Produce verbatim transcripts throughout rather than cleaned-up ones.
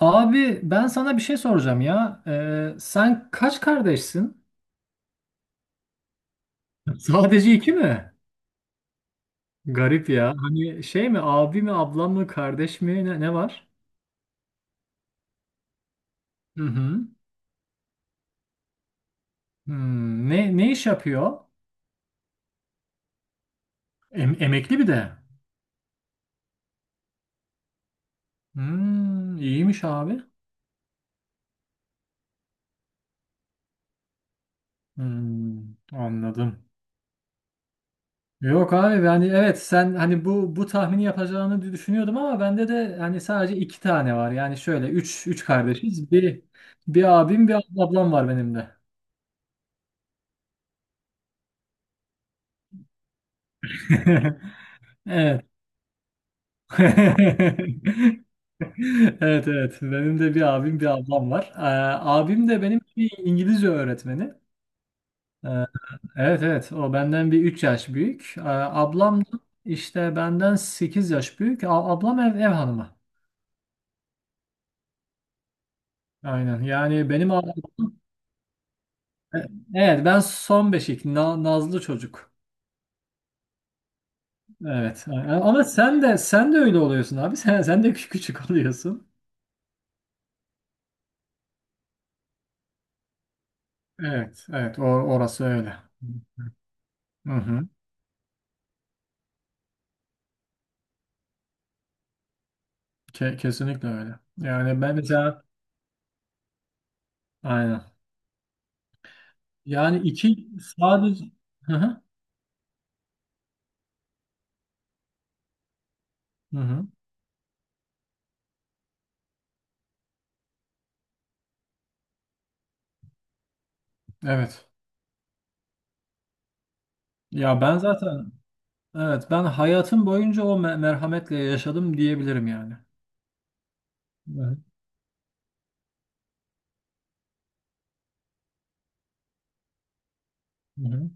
Abi ben sana bir şey soracağım ya. Ee, sen kaç kardeşsin? Sadece iki mi? Garip ya. Hani şey mi abi mi ablam mı kardeş mi ne, ne var? Hı hı. Hmm, ne ne iş yapıyor? Em- emekli bir de. Hmm, iyiymiş abi. Hmm, anladım. Yok abi, yani evet, sen hani bu bu tahmini yapacağını dü- düşünüyordum ama bende de hani sadece iki tane var. Yani şöyle üç üç kardeşiz. Bir bir abim, bir ablam var benim de. Evet. Evet, evet. Benim de bir abim, bir ablam var. Ee, abim de benim bir İngilizce öğretmeni. Ee, evet, evet. O benden bir üç yaş büyük. Ee, ablam da işte benden sekiz yaş büyük. A- ablam ev, ev hanımı. Aynen. Yani benim ablam. Evet, ben son beşik. Na- nazlı çocuk. Evet. Ama sen de sen de öyle oluyorsun abi. Sen sen de küçük oluyorsun. Evet, evet. O- orası öyle. Hı hı. Ke- kesinlikle öyle. Yani ben, mesela, aynen. Yani iki sadece. Hı hı. Hı hı. Evet. Ya ben zaten, evet, ben hayatım boyunca o me- merhametle yaşadım diyebilirim yani. Hı hı. Hı hı.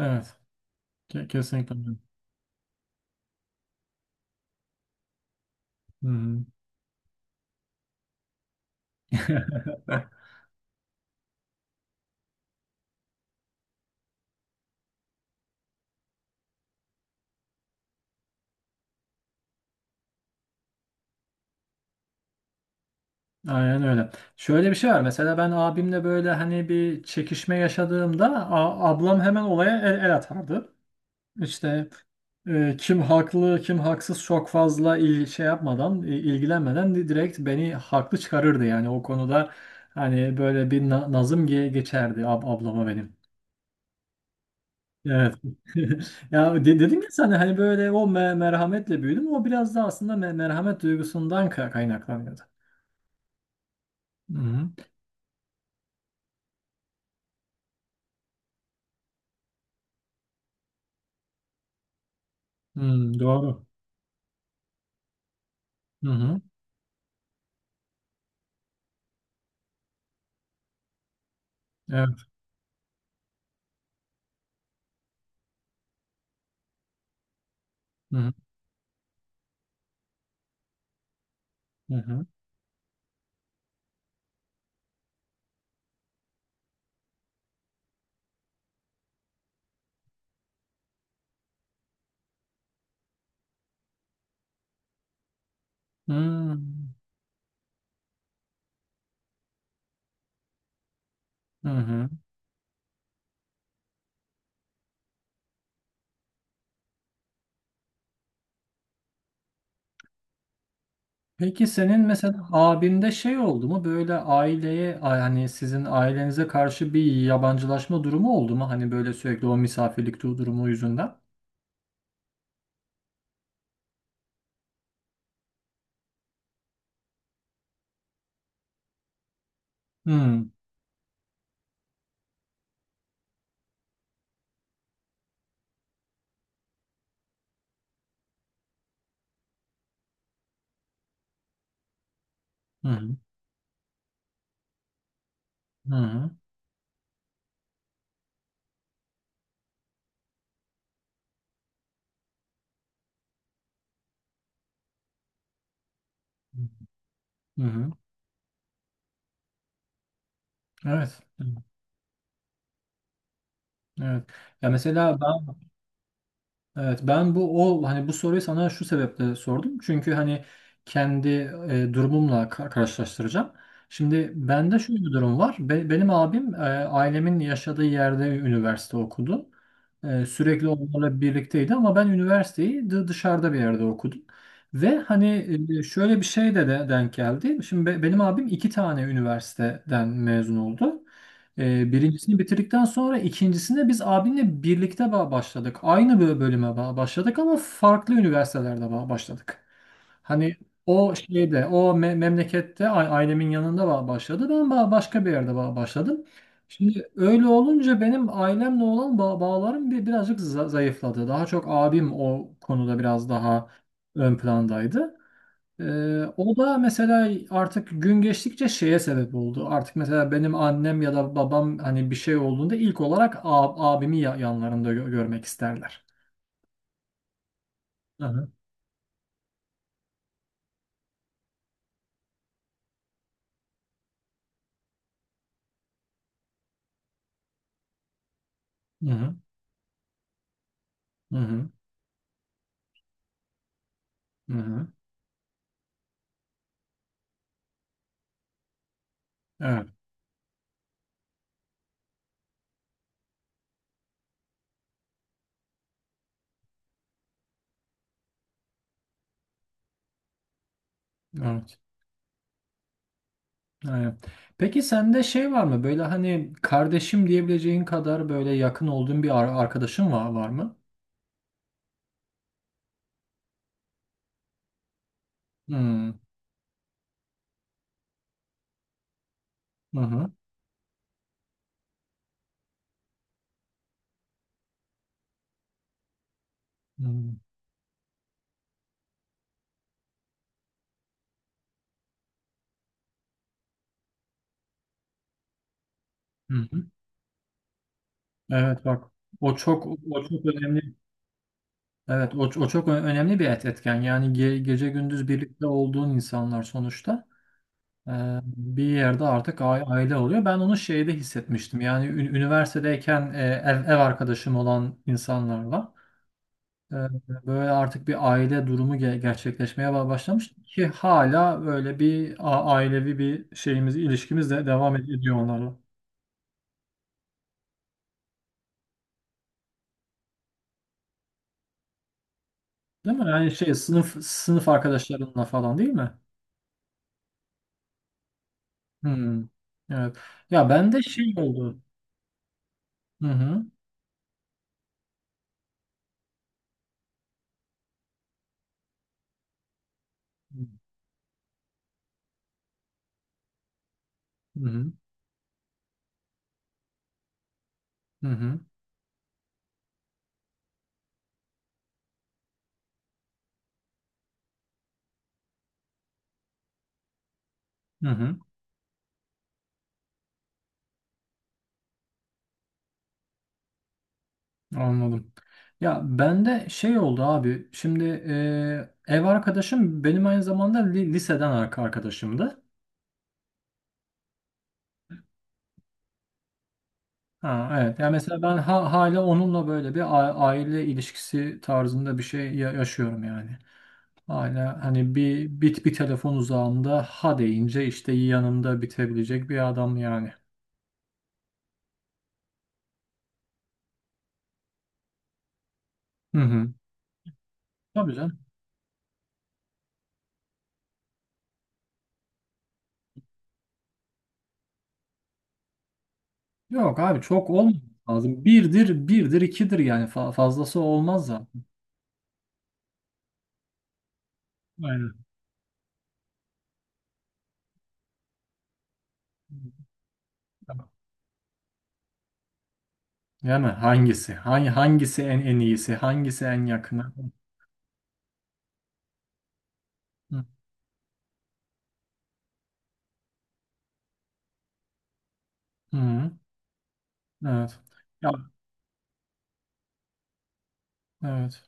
Evet. Ke- kesinlikle. Öyle. Hı hı. Aynen öyle. Şöyle bir şey var. Mesela ben abimle böyle hani bir çekişme yaşadığımda a- ablam hemen olaya el, el atardı. İşte, e, kim haklı kim haksız çok fazla il, şey yapmadan, e, ilgilenmeden di- direkt beni haklı çıkarırdı yani. O konuda hani böyle bir na- nazım ge- geçerdi ab ablama benim. Evet. Ya de- dedim ya sana, hani böyle o me- merhametle büyüdüm. O biraz da aslında me- merhamet duygusundan ka- kaynaklanıyordu. Hı hı. Hmm, doğru. Hı hı. Evet. Hı hı. Hı hı. Hmm. Hı hı. Hı. Peki, senin mesela abinde şey oldu mu, böyle aileye, hani sizin ailenize karşı bir yabancılaşma durumu oldu mu? Hani böyle sürekli o misafirlik du- durumu yüzünden. Hmm. Hı hı. Hı hı. Hı hı. Evet. Evet. Ya mesela ben. Evet, ben bu, o hani bu soruyu sana şu sebeple sordum. Çünkü hani kendi, e, durumumla ka- karşılaştıracağım. Şimdi bende şöyle bir durum var. Be- benim abim, e, ailemin yaşadığı yerde üniversite okudu. E, sürekli onlarla birlikteydi ama ben üniversiteyi dı- dışarıda bir yerde okudum. Ve hani, e, şöyle bir şey de, de denk geldi. Şimdi be- benim abim iki tane üniversiteden mezun oldu. Ee, birincisini bitirdikten sonra ikincisinde biz abimle birlikte ba- başladık. Aynı bö- bölüme ba- başladık ama farklı üniversitelerde ba- başladık. Hani o şeyde, o me- memlekette, a- ailemin yanında ba- başladı. Ben ba- başka bir yerde ba- başladım. Şimdi öyle olunca benim ailemle olan ba- bağlarım bir birazcık za- zayıfladı. Daha çok abim o konuda biraz daha ön plandaydı. Ee, o da mesela artık gün geçtikçe şeye sebep oldu. Artık mesela benim annem ya da babam, hani bir şey olduğunda ilk olarak a- abimi ya- yanlarında gö- görmek isterler. Hı hı. Hı hı. Hı hı. Hı hı. Evet. Evet. Aynen. Peki, sende şey var mı? Böyle hani kardeşim diyebileceğin kadar böyle yakın olduğun bir ar- arkadaşın var, var, mı? Hı hı. Hı hı. Hı hı. Evet, bak. O çok o çok önemli. Evet, o, o çok ö- önemli bir et- etken. Yani ge- gece gündüz birlikte olduğun insanlar sonuçta, e, bir yerde artık a- aile oluyor. Ben onu şeyde hissetmiştim. Yani ü- üniversitedeyken, e, ev, ev arkadaşım olan insanlarla, e, böyle artık bir aile durumu ge- gerçekleşmeye ba- başlamış ki hala böyle bir a- ailevi bir şeyimiz, ilişkimiz de devam ed- ediyor onlarla. Değil mi? Yani şey, sınıf sınıf arkadaşlarınla falan, değil mi? Hmm. Evet. Ya ben de şey oldu. Hı hı. Hı hı, hı hı, hı hı, anladım. Ya bende şey oldu abi. Şimdi, e, ev arkadaşım benim aynı zamanda li- liseden arka- arkadaşımdı. Ha, evet. Ya mesela ben ha- hala onunla böyle bir a- aile ilişkisi tarzında bir şey ya- yaşıyorum yani. Hala hani bir, bit bir telefon uzağında, ha deyince işte yanımda bitebilecek bir adam yani. Hı hı. Tabii canım. Yok abi, çok olmaz lazım. Birdir, birdir, ikidir yani. Fa- fazlası olmaz zaten. Aynen. Tamam. Yani hangisi? Hangi hangisi en en iyisi? Hangisi en yakını? Hı. Hı. Evet. Ya, evet.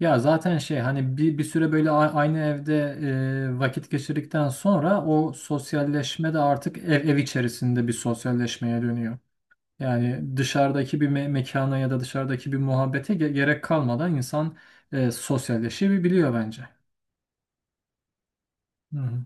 Ya zaten şey, hani bir bir süre böyle a- aynı evde, e, vakit geçirdikten sonra o sosyalleşme de artık ev ev içerisinde bir sosyalleşmeye dönüyor. Yani dışarıdaki bir me- mekana ya da dışarıdaki bir muhabbete ge- gerek kalmadan insan, e, sosyalleşebiliyor bence. Hı hı.